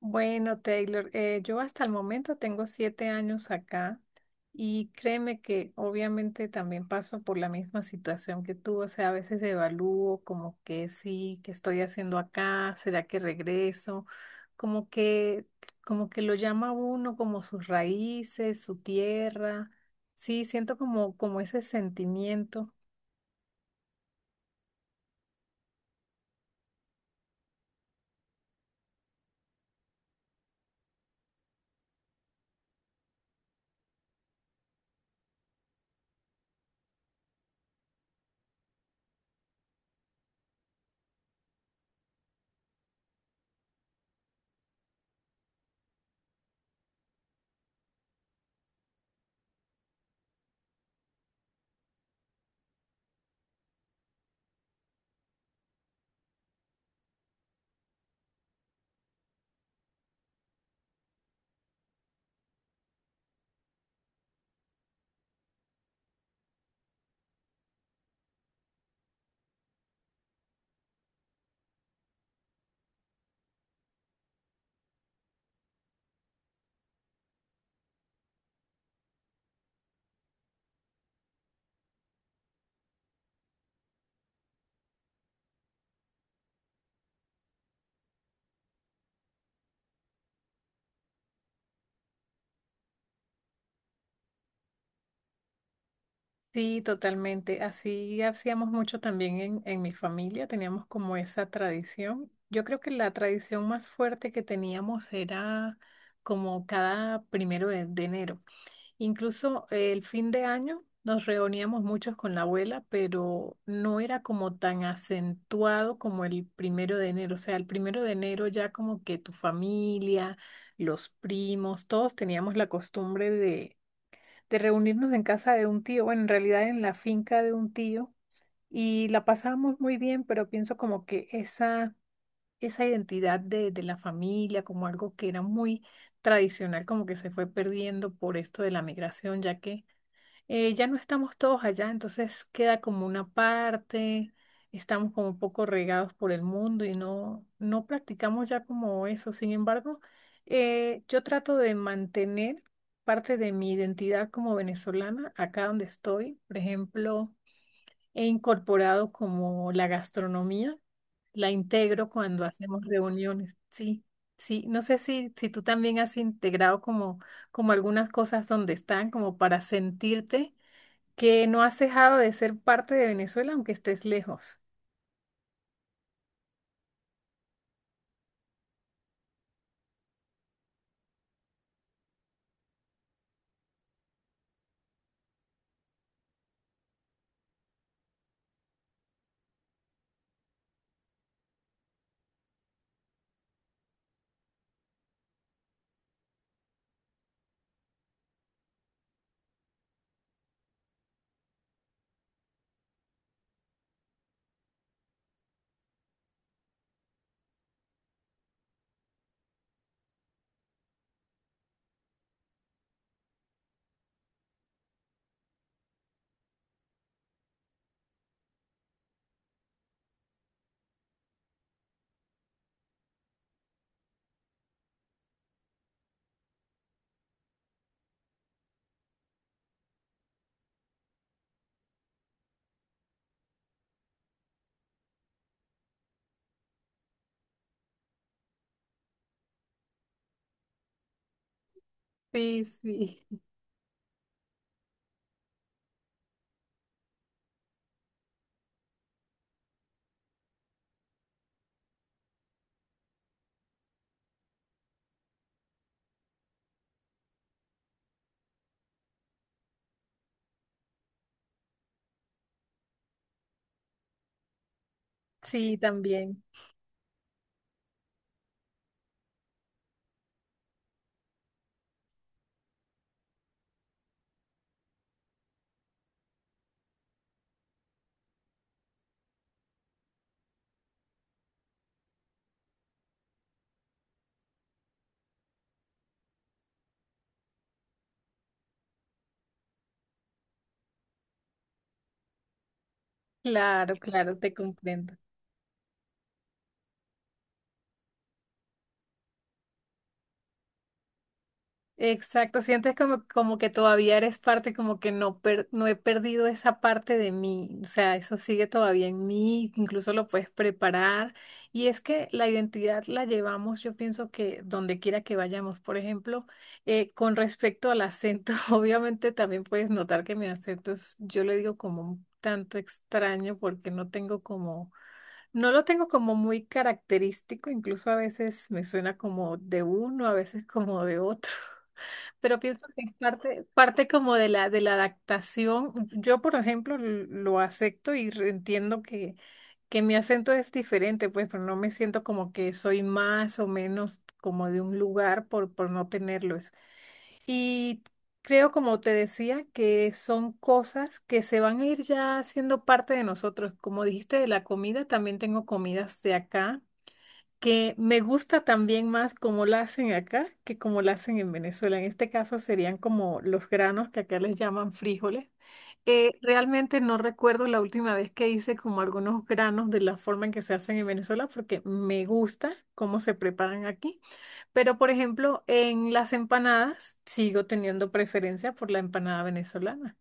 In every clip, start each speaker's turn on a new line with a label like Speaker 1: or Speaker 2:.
Speaker 1: Bueno, Taylor, yo hasta el momento tengo 7 años acá y créeme que obviamente también paso por la misma situación que tú. O sea, a veces evalúo como que sí, ¿que estoy haciendo acá? ¿Será que regreso? Como que, como que lo llama uno como sus raíces, su tierra. Sí, siento como ese sentimiento. Sí, totalmente. Así hacíamos mucho también en mi familia, teníamos como esa tradición. Yo creo que la tradición más fuerte que teníamos era como cada primero de enero. Incluso el fin de año nos reuníamos muchos con la abuela, pero no era como tan acentuado como el primero de enero. O sea, el primero de enero ya como que tu familia, los primos, todos teníamos la costumbre de reunirnos en casa de un tío, bueno, en realidad en la finca de un tío, y la pasábamos muy bien, pero pienso como que esa identidad de la familia, como algo que era muy tradicional, como que se fue perdiendo por esto de la migración, ya que ya no estamos todos allá, entonces queda como una parte, estamos como un poco regados por el mundo y no practicamos ya como eso. Sin embargo, yo trato de mantener parte de mi identidad como venezolana acá donde estoy. Por ejemplo, he incorporado como la gastronomía, la integro cuando hacemos reuniones, sí. Sí, no sé si tú también has integrado como algunas cosas donde están, como para sentirte que no has dejado de ser parte de Venezuela aunque estés lejos. Sí, sí. Sí, también. Claro, claro, te comprendo. Exacto, sientes como que todavía eres parte, como que no, no he perdido esa parte de mí. O sea, eso sigue todavía en mí, incluso lo puedes preparar. Y es que la identidad la llevamos, yo pienso que donde quiera que vayamos. Por ejemplo, con respecto al acento, obviamente también puedes notar que mi acento es, yo le digo como un tanto extraño porque no tengo como… No lo tengo como muy característico, incluso a veces me suena como de uno, a veces como de otro. Pero pienso que es parte como de de la adaptación. Yo, por ejemplo, lo acepto y entiendo que mi acento es diferente, pues, pero no me siento como que soy más o menos como de un lugar por no tenerlos. Y creo, como te decía, que son cosas que se van a ir ya siendo parte de nosotros. Como dijiste de la comida, también tengo comidas de acá que me gusta también más cómo la hacen acá que cómo la hacen en Venezuela. En este caso serían como los granos que acá les llaman frijoles. Realmente no recuerdo la última vez que hice como algunos granos de la forma en que se hacen en Venezuela porque me gusta cómo se preparan aquí. Pero por ejemplo, en las empanadas sigo teniendo preferencia por la empanada venezolana.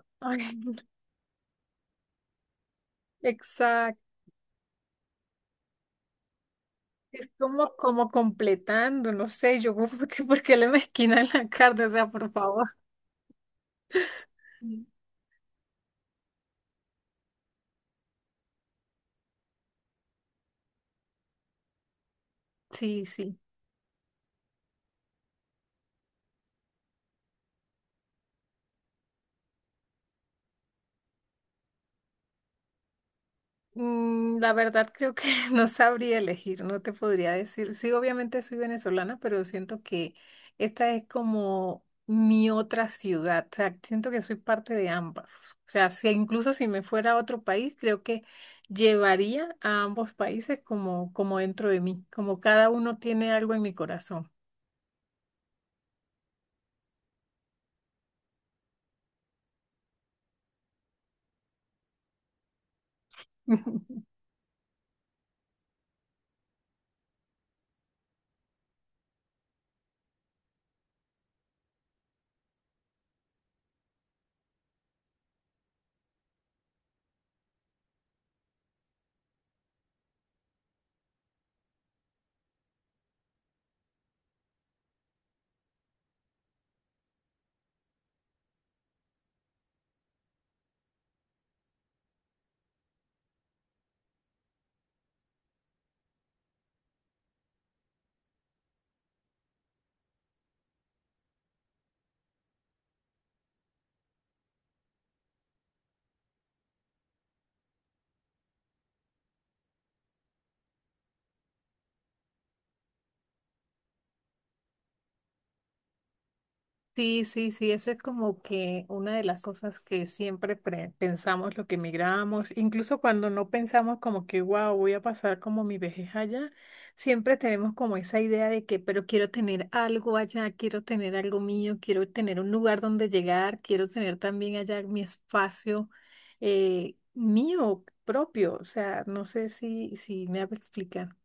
Speaker 1: Ay, exacto. Es como, como completando, no sé, yo, por qué le mezquinan la carne? O sea, por favor. Sí, sí. La verdad creo que no sabría elegir, no te podría decir. Sí, obviamente soy venezolana, pero siento que esta es como mi otra ciudad. O sea, siento que soy parte de ambas. O sea, incluso si me fuera a otro país, creo que llevaría a ambos países como, como dentro de mí, como cada uno tiene algo en mi corazón. Sí, sí, sí, esa es como que una de las cosas que siempre pensamos lo que emigramos, incluso cuando no pensamos como que, wow, voy a pasar como mi vejez allá, siempre tenemos como esa idea de que, pero quiero tener algo allá, quiero tener algo mío, quiero tener un lugar donde llegar, quiero tener también allá mi espacio mío propio. O sea, no sé si me explican.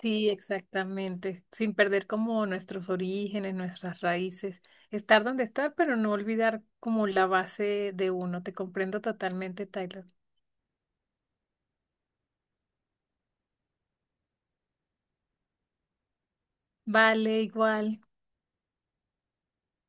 Speaker 1: Sí, exactamente. Sin perder como nuestros orígenes, nuestras raíces. Estar donde estar, pero no olvidar como la base de uno. Te comprendo totalmente, Tyler. Vale, igual.